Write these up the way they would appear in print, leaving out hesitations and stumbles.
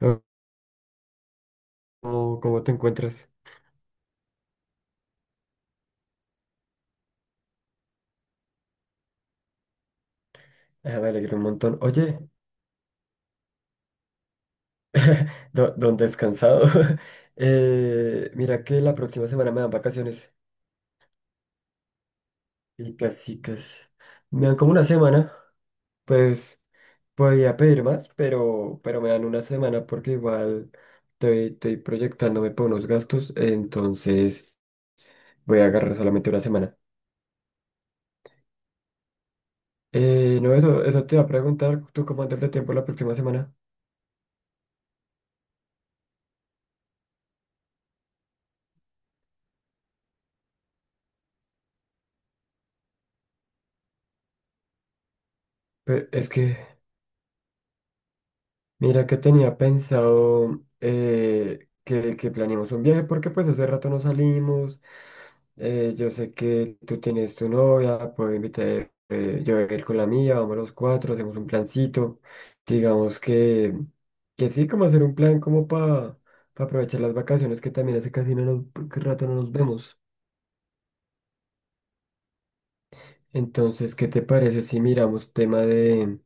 Oh. ¿Cómo te encuentras? Ah, me alegro un montón. Oye, don descansado. Mira que la próxima semana me dan vacaciones. Y casi, casi. Me dan como una semana. Pues podía pedir más, pero me dan una semana porque igual estoy proyectándome por unos gastos. Entonces voy a agarrar solamente una semana. No, eso te iba a preguntar. ¿Tú cómo andas de tiempo la próxima semana? Es que mira que tenía pensado que planeemos un viaje porque pues hace rato no salimos. Yo sé que tú tienes tu novia, puedo invitar, yo voy a ir con la mía, vamos los cuatro, hacemos un plancito. Digamos que sí, como hacer un plan como para aprovechar las vacaciones que también hace casi no nos, que rato no nos vemos. Entonces, ¿qué te parece si miramos tema de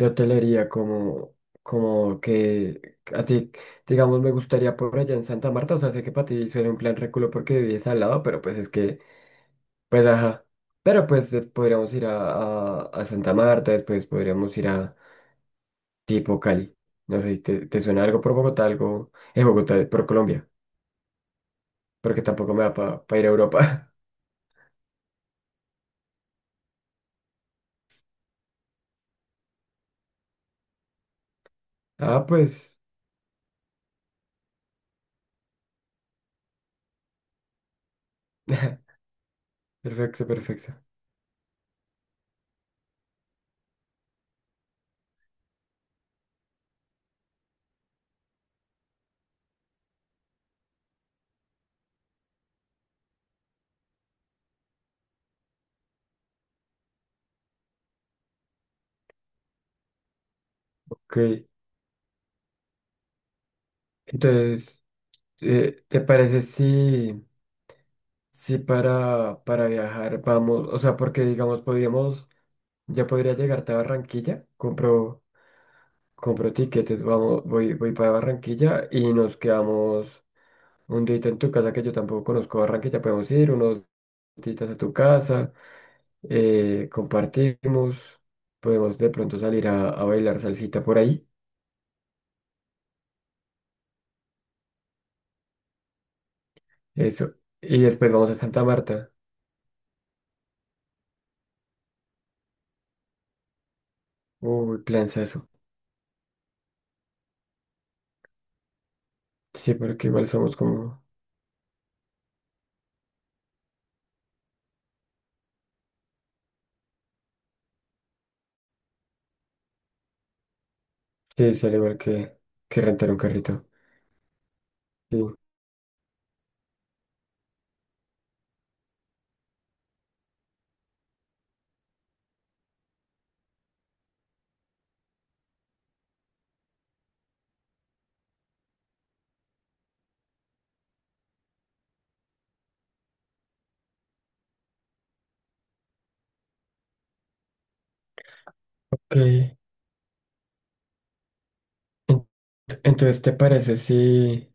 hotelería, como que a ti, digamos, me gustaría por allá en Santa Marta, o sea, sé que para ti suena un plan reculo porque vives al lado, pero pues es que, pues ajá, pero pues podríamos ir a, a Santa Marta, después podríamos ir a tipo Cali, no sé, si ¿te suena algo por Bogotá, algo en Bogotá, por Colombia? Porque tampoco me da para ir a Europa. Ah, pues. Perfecto, perfecto. Ok, entonces, ¿te parece si? Si para viajar vamos, o sea, porque digamos, podríamos, ya podría llegarte a Barranquilla, compro tiquetes, vamos, voy para Barranquilla y nos quedamos un día en tu casa que yo tampoco conozco Barranquilla, podemos ir unos días a tu casa, compartimos, podemos de pronto salir a bailar salsita por ahí, eso, y después vamos a Santa Marta, uy, eso sí, porque igual somos como, sí, sale igual que rentar un carrito. Sí. Eh, en- entonces, ¿te parece si,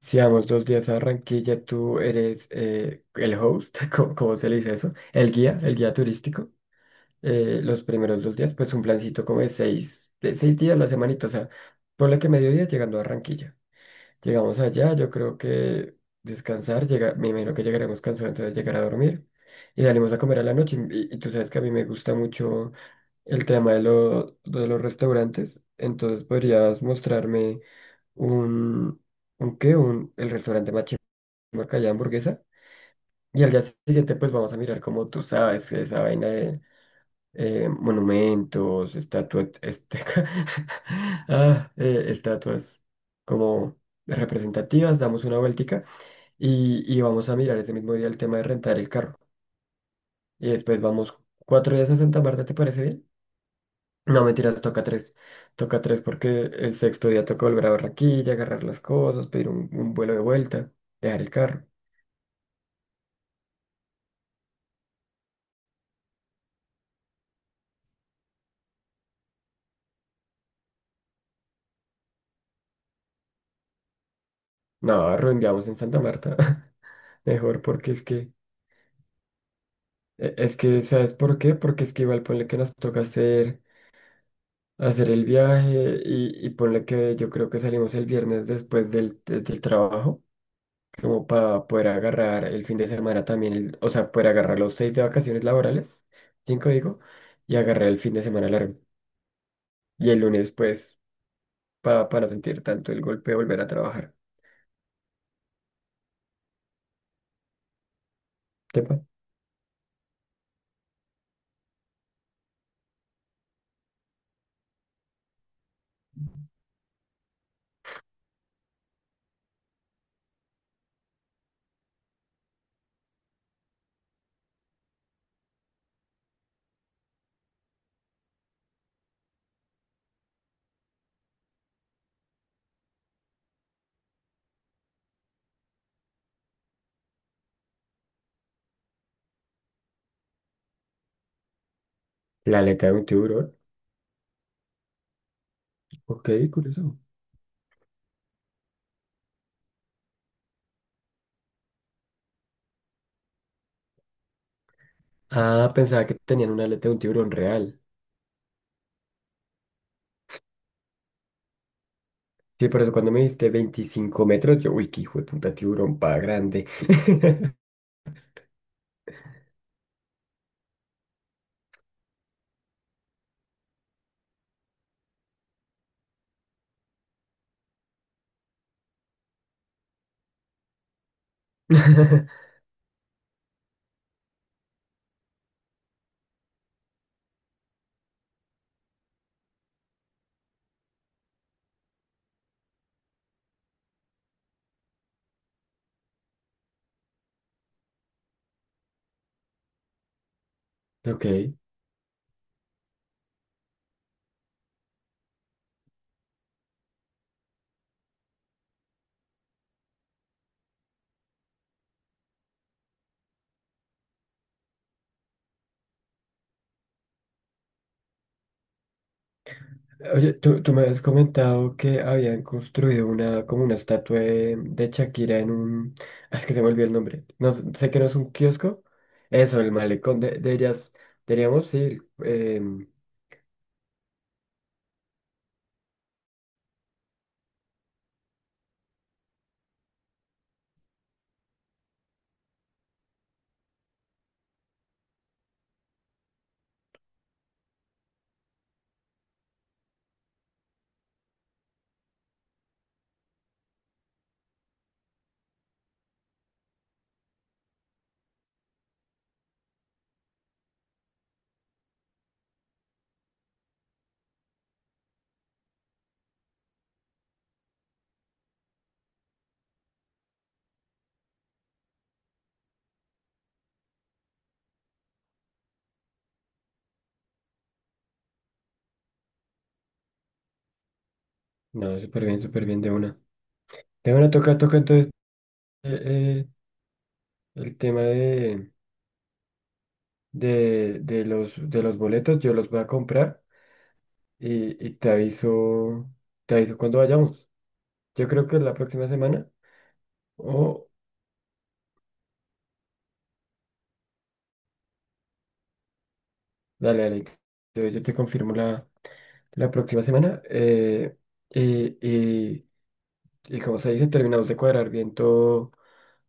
si vamos 2 días a Barranquilla? Tú eres el host. Cómo se le dice eso? El guía turístico. Los primeros 2 días, pues un plancito como de seis días la semanita, o sea, ponle que mediodía llegando a Barranquilla. Llegamos allá, yo creo que descansar, me imagino que llegaremos cansados, entonces llegar a dormir y salimos a comer a la noche. Y tú sabes que a mí me gusta mucho el tema de, de los restaurantes. Entonces podrías mostrarme un, un qué, un, el restaurante más chimba que haya hamburguesa. Y al día siguiente pues vamos a mirar como tú sabes, que esa vaina de monumentos, estatuas, este, ah, estatuas como representativas, damos una vueltica y vamos a mirar ese mismo día el tema de rentar el carro. Y después vamos 4 días a Santa Marta, ¿te parece bien? No, mentiras, toca tres. Toca tres porque el sexto día toca volver a Barranquilla, agarrar las cosas, pedir un vuelo de vuelta, dejar el carro. No, reenviamos en Santa Marta. Mejor porque es que, es que, ¿sabes por qué? Porque es que igual ponle que nos toca hacer el viaje y ponle que yo creo que salimos el viernes después del, del trabajo, como para poder agarrar el fin de semana también, el, o sea, poder agarrar los seis de vacaciones laborales, cinco digo, y agarrar el fin de semana largo. Y el lunes, pues, para no sentir tanto el golpe de volver a trabajar. Tepa, la aleta de un tiburón. Ok, curioso. Ah, pensaba que tenían una aleta de un tiburón real. Sí, por eso cuando me dijiste 25 metros, yo, uy, qué hijo de puta tiburón pa' grande. Ok. Oye, tú me habías comentado que habían construido una, como una estatua de Shakira en un. Ah, es que se me olvidó el nombre. No, sé sé que no es un kiosco. Eso, el malecón de ellas. Deberíamos ir. Em, no, súper bien de una. De una toca, toca entonces, eh, eh, el tema de, de los boletos, yo los voy a comprar y te aviso cuando vayamos. Yo creo que la próxima semana, o dale, dale, yo te confirmo la próxima semana. Y, y como se dice, terminamos de cuadrar bien todo,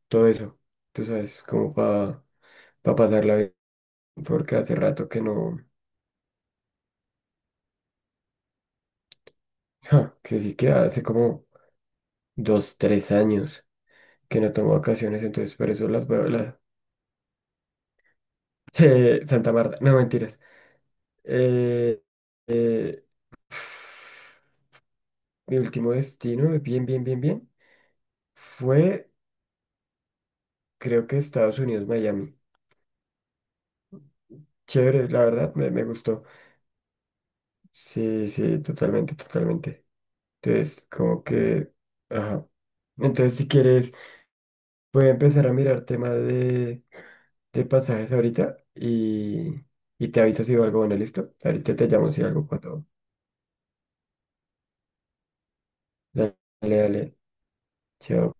todo eso. Tú sabes, como para pasarla bien, porque hace rato que no. Ja, que sí, que hace como 2, 3 años que no tomo vacaciones, entonces por eso las veo la. Santa Marta, no mentiras. Eh, eh, mi último destino, bien, bien, bien, bien, fue creo que Estados Unidos, Miami. Chévere, la verdad, me gustó. Sí, sí, totalmente, totalmente. Entonces, como que, ajá. Entonces, si quieres, voy a empezar a mirar tema de pasajes ahorita y te aviso si veo algo bueno, ¿listo? Ahorita te llamo si algo cuando. Dale, dale. Yo,